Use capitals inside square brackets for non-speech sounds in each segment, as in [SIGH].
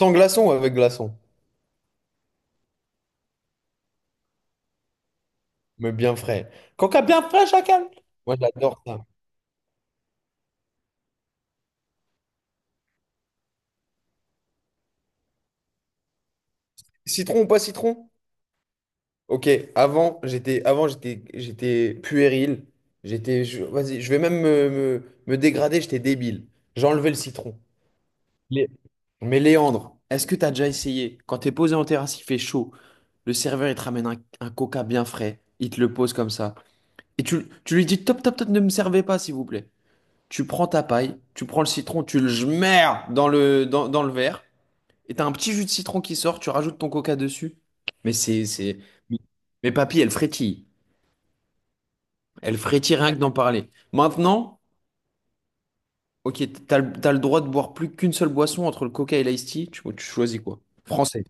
Sans glaçon ou avec glaçon, mais bien frais. Coca bien frais, chacal. Moi, j'adore ça. Citron ou pas citron? Ok, avant, j'étais puéril. J'étais vas-y, je vais même me dégrader, j'étais débile. J'enlevais le citron. Lé- Mais Léandre, est-ce que t'as déjà essayé? Quand t'es posé en terrasse, il fait chaud. Le serveur, il te ramène un coca bien frais. Il te le pose comme ça. Et tu lui dis, top, top, top, ne me servez pas, s'il vous plaît. Tu prends ta paille, tu prends le citron, tu le jmères dans le verre, et t'as un petit jus de citron qui sort, tu rajoutes ton coca dessus. Mais c'est. Mais papy, elle frétille. Elle frétille rien que d'en parler. Maintenant, ok, t'as le droit de boire plus qu'une seule boisson entre le coca et l'ice-tea, tu choisis quoi? Français.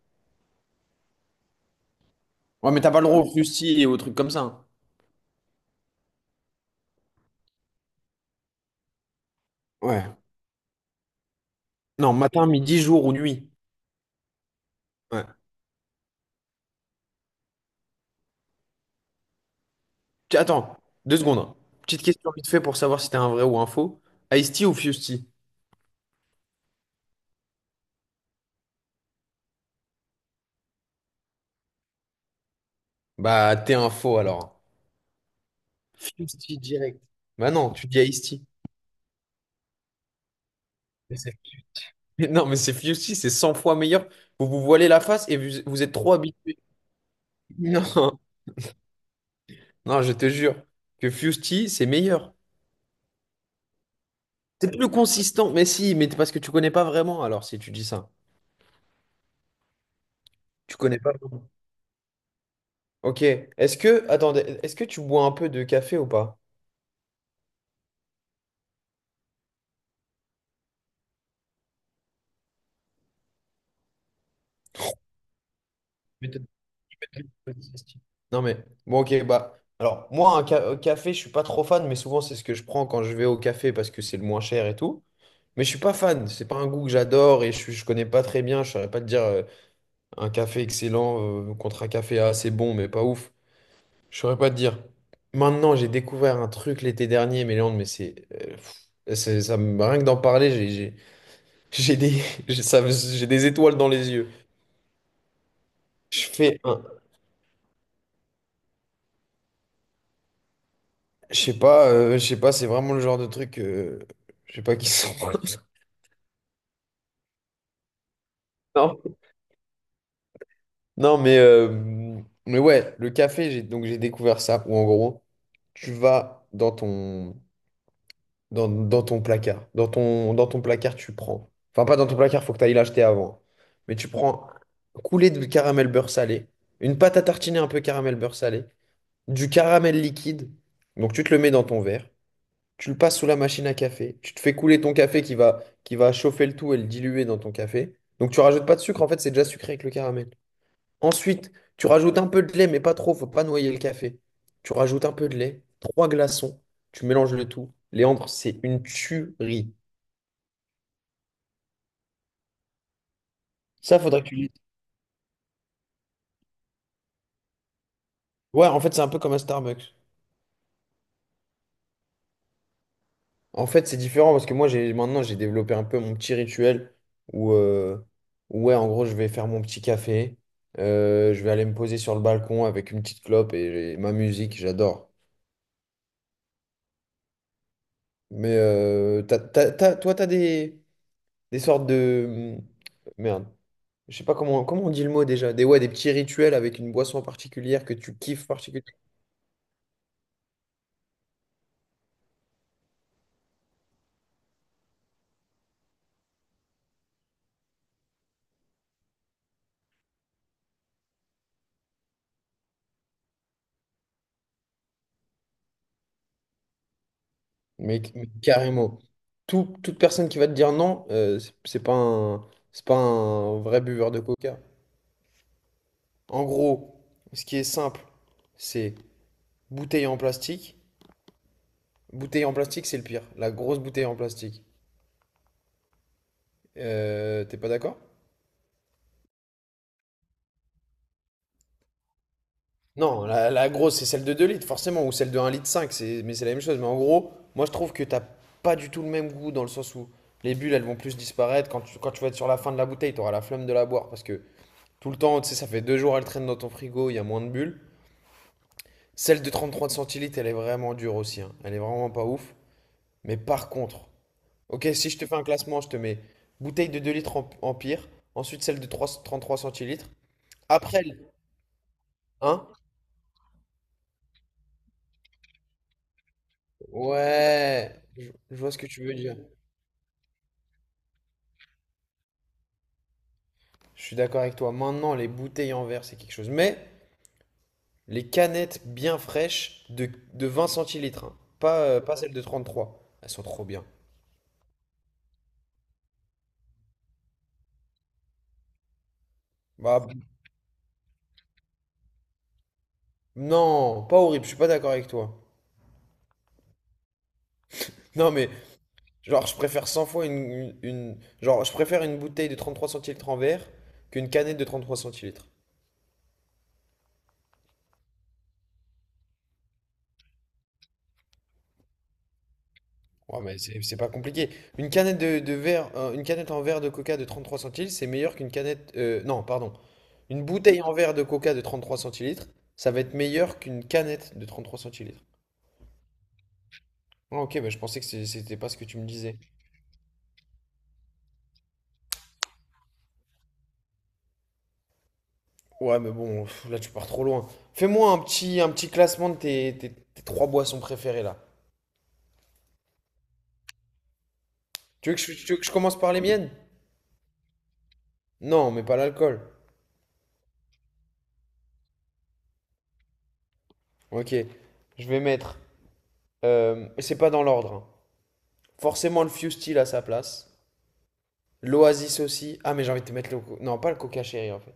Ouais, mais t'as pas le droit au fruity et aux trucs comme ça, hein. Ouais. Non, matin, midi, jour ou nuit. Ouais. Attends, 2 secondes. Petite question vite fait pour savoir si t'es un vrai ou un faux. Ice-tea ou Fusty? Bah, t'es un faux alors. Fusty direct. Bah non, tu dis Ice-T. Mais [LAUGHS] mais non, mais c'est Fusty, c'est 100 fois meilleur. Vous vous voilez la face et vous, vous êtes trop habitué. [LAUGHS] Non, non, je te jure que Fusty, c'est meilleur. C'est plus consistant. Mais si, mais parce que tu connais pas vraiment, alors si tu dis ça. Tu connais pas vraiment. Ok. Attendez, est-ce que tu bois un peu de café ou pas? Mais t'as- t'as- Non, mais bon, ok, bah. Alors, moi, un café, je suis pas trop fan, mais souvent, c'est ce que je prends quand je vais au café parce que c'est le moins cher et tout. Mais je suis pas fan, c'est pas un goût que j'adore et je connais pas très bien. Je saurais pas te dire un café excellent contre un café assez bon, mais pas ouf. Je saurais pas te dire. Maintenant, j'ai découvert un truc l'été dernier, Méléandre, mais c'est. Rien que d'en parler, j'ai des, [LAUGHS] j'ai des étoiles dans les yeux. Je fais un. Je sais pas, c'est vraiment le genre de truc. Je sais pas qui sont. [LAUGHS] Non, mais ouais, le café, j'ai découvert ça, où en gros, tu vas dans ton placard. Dans ton placard, tu prends. Enfin, pas dans ton placard, faut que tu ailles l'acheter avant. Mais tu prends coulée de caramel beurre salé, une pâte à tartiner un peu caramel beurre salé, du caramel liquide. Donc tu te le mets dans ton verre, tu le passes sous la machine à café, tu te fais couler ton café qui va chauffer le tout et le diluer dans ton café. Donc tu rajoutes pas de sucre, en fait, c'est déjà sucré avec le caramel. Ensuite, tu rajoutes un peu de lait, mais pas trop, faut pas noyer le café. Tu rajoutes un peu de lait, trois glaçons, tu mélanges le tout. Léandre, c'est une tuerie. Ça, faudrait que tu lises. Ouais, en fait, c'est un peu comme un Starbucks. En fait, c'est différent parce que moi, j'ai développé un peu mon petit rituel où, ouais, en gros, je vais faire mon petit café, je vais aller me poser sur le balcon avec une petite clope et ma musique, j'adore. Mais toi, t'as des sortes de... Merde. Je sais pas comment on dit le mot déjà. Ouais, des petits rituels avec une boisson particulière que tu kiffes particulièrement. Mais carrément. Toute personne qui va te dire non, c'est pas un vrai buveur de coca. En gros, ce qui est simple, c'est bouteille en plastique. Bouteille en plastique, c'est le pire. La grosse bouteille en plastique. T'es pas d'accord? Non, la grosse, c'est celle de 2 litres, forcément, ou celle de 1,5 litres, mais c'est la même chose. Mais en gros, moi, je trouve que t'as pas du tout le même goût dans le sens où les bulles, elles vont plus disparaître. Quand tu vas être sur la fin de la bouteille, t'auras la flemme de la boire parce que tout le temps, tu sais, ça fait 2 jours, elle traîne dans ton frigo, il y a moins de bulles. Celle de 33 centilitres, elle est vraiment dure aussi, hein. Elle est vraiment pas ouf. Mais par contre, ok, si je te fais un classement, je te mets bouteille de 2 litres en pire, ensuite celle de 33 centilitres. Après, hein? Ouais, je vois ce que tu veux dire. Je suis d'accord avec toi. Maintenant, les bouteilles en verre, c'est quelque chose. Mais les canettes bien fraîches de 20 centilitres, hein. Pas celles de 33. Elles sont trop bien. Bah, non, pas horrible, je suis pas d'accord avec toi. Non, mais genre, je préfère 100 fois une, genre, je préfère une bouteille de 33 centilitres en verre qu'une canette de 33 centilitres. Ouais, mais c'est pas compliqué. Une canette une canette en verre de coca de 33 centilitres, c'est meilleur qu'une canette. Non, pardon. Une bouteille en verre de coca de 33 centilitres, ça va être meilleur qu'une canette de 33 centilitres. Ah, ok, bah, je pensais que c'était pas ce que tu me disais. Ouais, mais bon, pff, là tu pars trop loin. Fais-moi un petit classement de tes trois boissons préférées là. Tu veux que je commence par les miennes? Non, mais pas l'alcool. Ok, je vais mettre. C'est pas dans l'ordre, hein. Forcément le Fusty à sa place. L'Oasis aussi. Ah, mais j'ai envie de te mettre Non, pas le Coca Cherry en fait.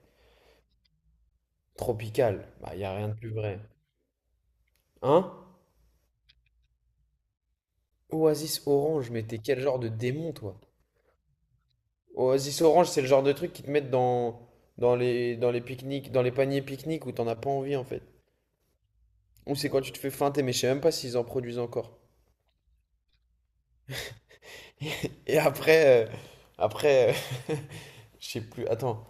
Tropical. Bah, y a rien de plus vrai. Hein? Oasis Orange, mais t'es quel genre de démon, toi? Oasis Orange, c'est le genre de truc qui te mettent dans les pique-niques, dans les paniers pique-niques où t'en as pas envie en fait. Ou c'est quand tu te fais feinter, mais je sais même pas s'ils en produisent encore. Et après. Après. euh, [LAUGHS] Je sais plus. Attends.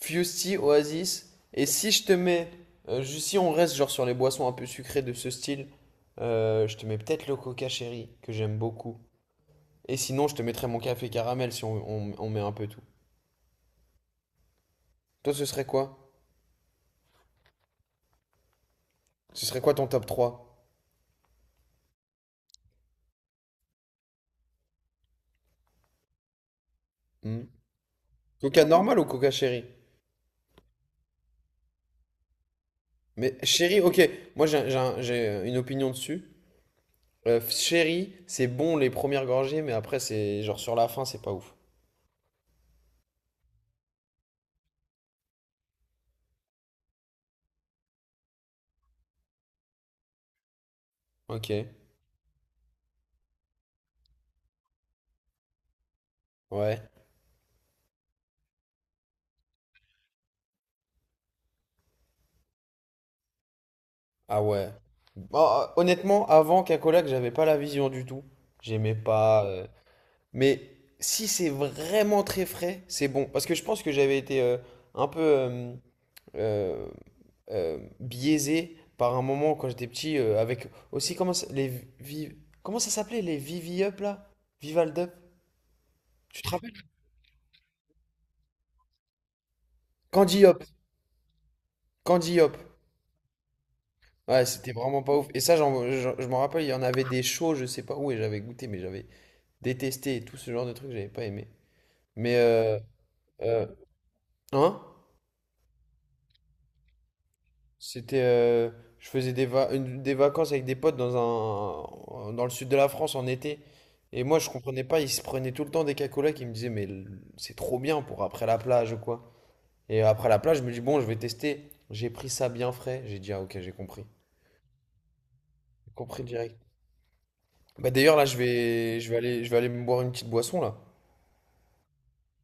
Fusty, Oasis. Et si je te mets, si on reste genre sur les boissons un peu sucrées de ce style, je te mets peut-être le coca chéri, que j'aime beaucoup. Et sinon, je te mettrais mon café caramel si on met un peu tout. Toi, ce serait quoi? Ce serait quoi ton top trois? Hmm. Coca normal ou coca chéri? Mais chéri, ok, moi j'ai une opinion dessus. Chéri, c'est bon les premières gorgées, mais après, c'est genre sur la fin, c'est pas ouf. Ok, ouais. Ah ouais. Bah, honnêtement, avant Kakolak, j'avais pas la vision du tout. J'aimais pas. Mais si c'est vraiment très frais, c'est bon. Parce que je pense que j'avais été un peu euh, biaisé par un moment quand j'étais petit avec aussi comment ça, les vi- comment ça s'appelait les Vivi Up là? Vivald Up? Tu te rappelles? Candy Up. Candy Up. Ouais, c'était vraiment pas ouf. Et ça, je m'en rappelle, il y en avait des shows, je sais pas où, et j'avais goûté, mais j'avais détesté et tout ce genre de trucs, j'avais pas aimé. Mais Euh, hein? C'était, euh, je faisais des vacances avec des potes dans le sud de la France en été. Et moi, je comprenais pas, ils se prenaient tout le temps des cacolacs. Ils me disaient, mais c'est trop bien pour après la plage ou quoi. Et après la plage, je me dis, bon, je vais tester. J'ai pris ça bien frais. J'ai dit, ah ok, j'ai compris. J'ai compris direct. Bah d'ailleurs, là, je vais aller me boire une petite boisson, là.